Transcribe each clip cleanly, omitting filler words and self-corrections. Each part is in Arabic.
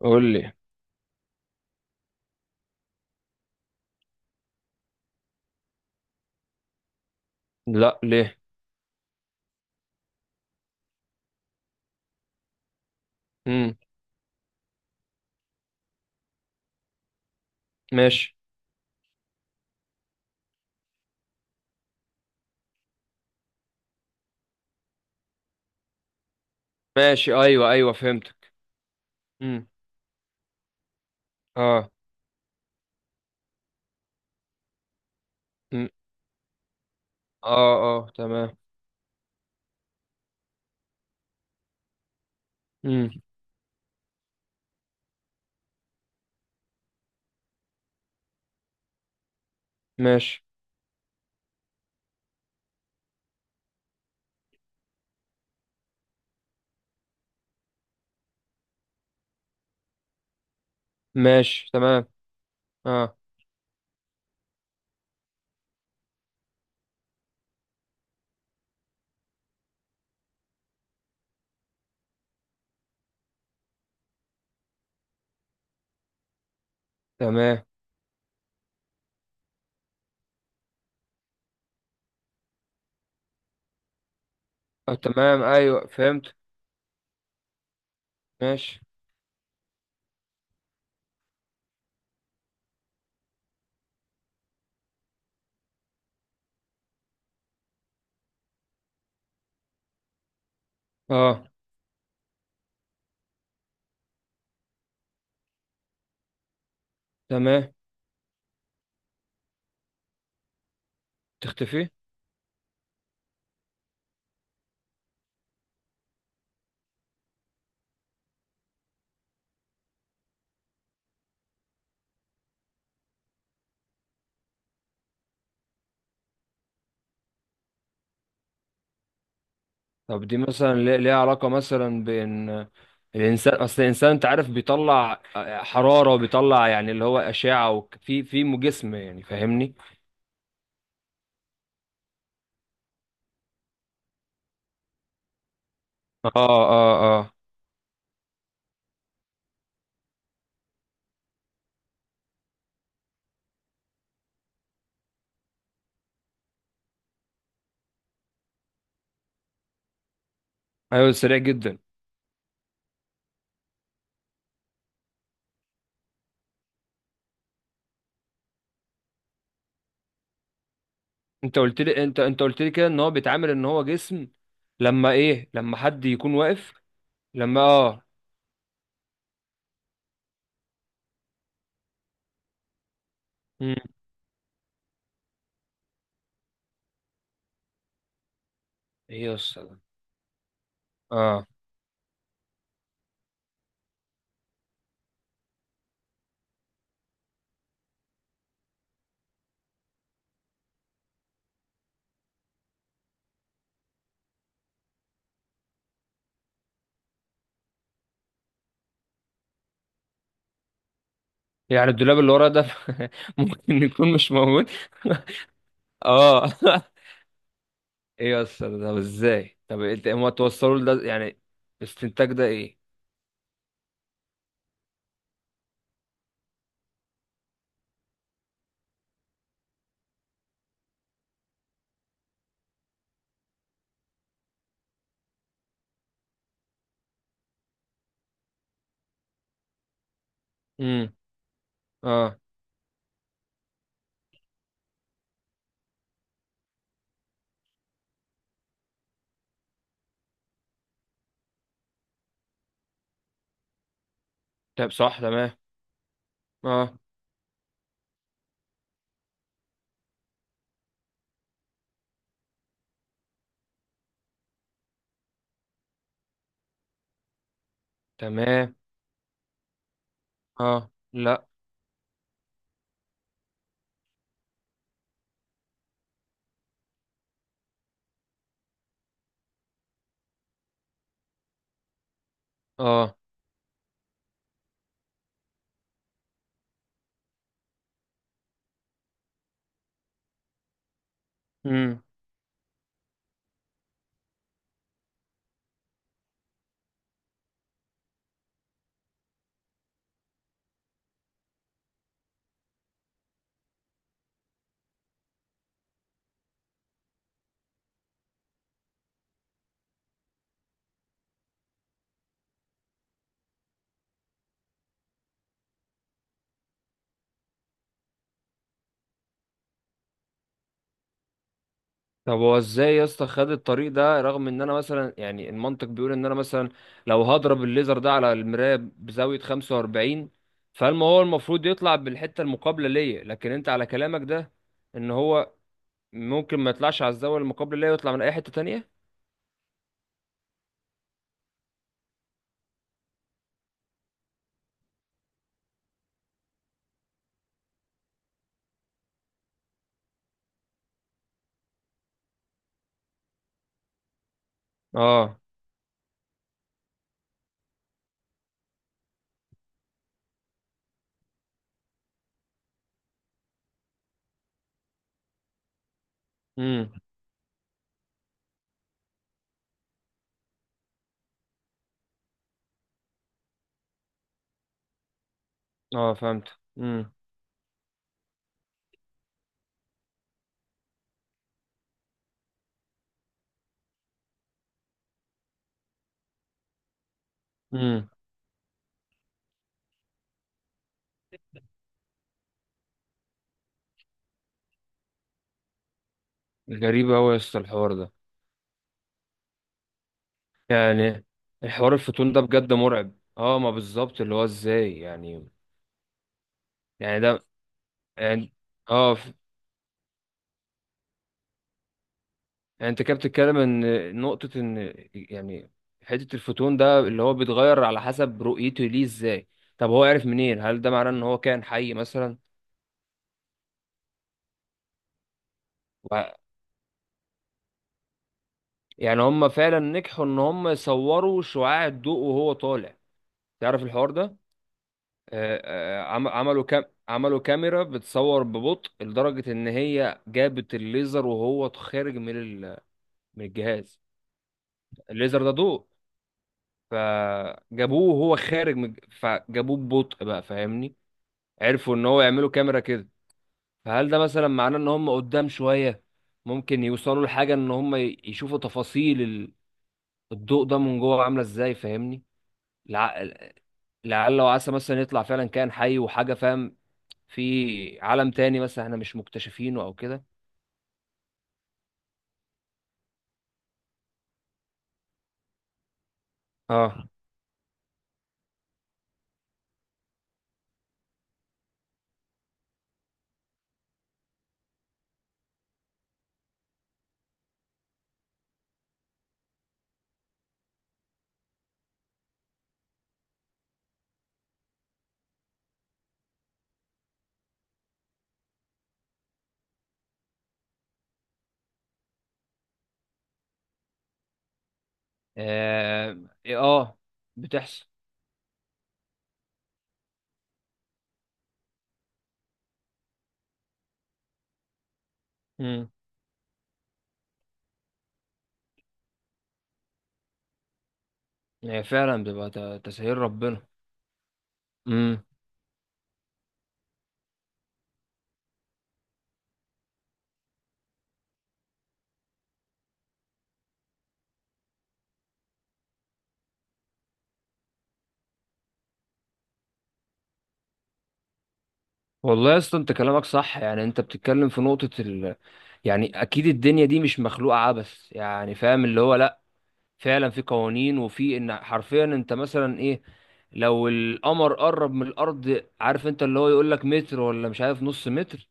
قول لي. لا، ليه؟ امم ماشي. ماشي، ايوه ايوه فهمتك. امم اه. مم. اه اه تمام. امم ماشي. ماشي تمام. اه تمام. اه تمام ايوه فهمت. ماشي. اه تمام. تختفي. طب دي مثلا ليها علاقة مثلا بين الانسان؟ اصل الانسان انت عارف بيطلع حرارة وبيطلع يعني اللي هو اشعة في جسم، يعني فاهمني؟ اه اه اه. ايوه سريع جدا. انت قلت لي، انت قلت لي كده ان هو بيتعامل ان هو جسم لما ايه؟ لما حد يكون واقف؟ لما اه. مم. ايه يا اسطى ده؟ اه يعني. الدولاب اللي ورا ده ممكن يكون مش موجود. اه. ايه يا اسطى ده؟ طب ازاي؟ طب انت هما توصلوا لده يعني الاستنتاج ده ايه؟ امم اه. طب صح تمام. اه تمام. اه لا. اه. مم. طب هو ازاي يا اسطى خد الطريق ده، رغم ان انا مثلا يعني المنطق بيقول ان انا مثلا لو هضرب الليزر ده على المرايه بزاويه 45، فالما هو المفروض يطلع بالحته المقابله ليا. لكن انت على كلامك ده ان هو ممكن ما يطلعش على الزاويه المقابله ليا ويطلع من اي حته تانية. اه. امم اه فهمت. امم امم غريب قوي يا اسطى الحوار ده. يعني الحوار الفوتون ده بجد مرعب. اه، ما بالظبط، اللي هو ازاي يعني؟ يعني ده يعني اه يعني انت كده بتتكلم ان نقطة ان يعني حتة الفوتون ده اللي هو بيتغير على حسب رؤيته ليه ازاي؟ طب هو عرف منين؟ هل ده معناه ان هو كائن حي مثلا؟ و- يعني هم فعلا نجحوا ان هم يصوروا شعاع الضوء وهو طالع؟ تعرف الحوار ده؟ آه، عملوا كام، عملوا كاميرا بتصور ببطء لدرجة ان هي جابت الليزر وهو خارج من الجهاز. الليزر ده ضوء. فجابوه وهو خارج من، فجابوه ببطء بقى، فاهمني؟ عرفوا ان هو يعملوا كاميرا كده. فهل ده مثلا معناه ان هم قدام شوية ممكن يوصلوا لحاجة ان هم يشوفوا تفاصيل الضوء ده من جوه عاملة ازاي، فاهمني؟ لع- لعل وعسى مثلا يطلع فعلا كائن حي وحاجة، فاهم؟ في عالم تاني مثلا احنا مش مكتشفينه او كده. اه. اه, آه, بتحصل. امم هي فعلا تسهيل ربنا. امم والله يا اسطى انت كلامك صح، يعني انت بتتكلم في نقطة. يعني اكيد الدنيا دي مش مخلوقه عبث، يعني فاهم اللي هو لا، فعلا في قوانين وفي ان حرفيا انت مثلا ايه، لو القمر قرب من الارض، عارف انت اللي هو يقول لك متر ولا مش عارف نص متر.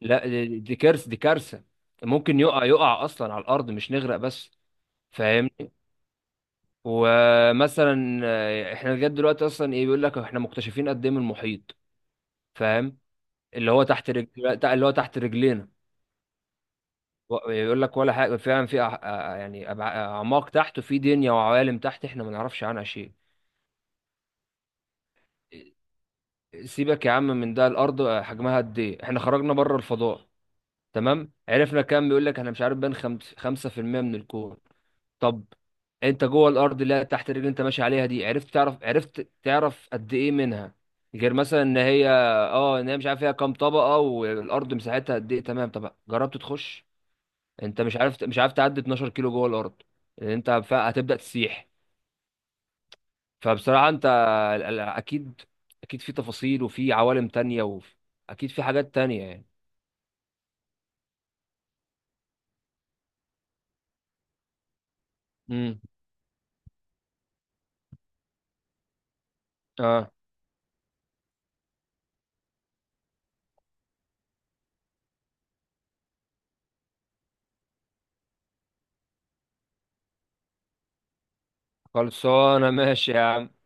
لا دي دي كارثه، دي كارثه. ممكن يقع، يقع اصلا على الارض مش نغرق بس، فاهمني؟ ومثلا احنا لغايه دلوقتي اصلا ايه بيقول لك احنا مكتشفين قد ايه من المحيط؟ فاهم اللي هو تحت رجل، اللي هو تحت رجلينا، يقول لك ولا حاجة. فعلا في يعني أعماق تحت وفي دنيا وعوالم تحت احنا ما نعرفش عنها شيء. سيبك يا عم من ده، الأرض حجمها قد إيه؟ احنا خرجنا بره الفضاء، تمام، عرفنا كام؟ بيقول لك احنا مش عارف بين 5% من الكون. طب انت جوه الأرض اللي هي تحت الرجل انت ماشي عليها دي، عرفت تعرف، عرفت تعرف قد إيه منها غير مثلا ان هي اه ان هي مش عارف فيها كام طبقة والأرض مساحتها قد إيه؟ تمام، طب جربت تخش؟ انت مش عارف، مش عارف تعدي 12 كيلو جوه الارض، لان انت هتبدا تسيح. فبصراحه انت اكيد، اكيد في تفاصيل وفي عوالم تانية، واكيد في حاجات تانية يعني. امم اه خلصانه ماشي يا عم.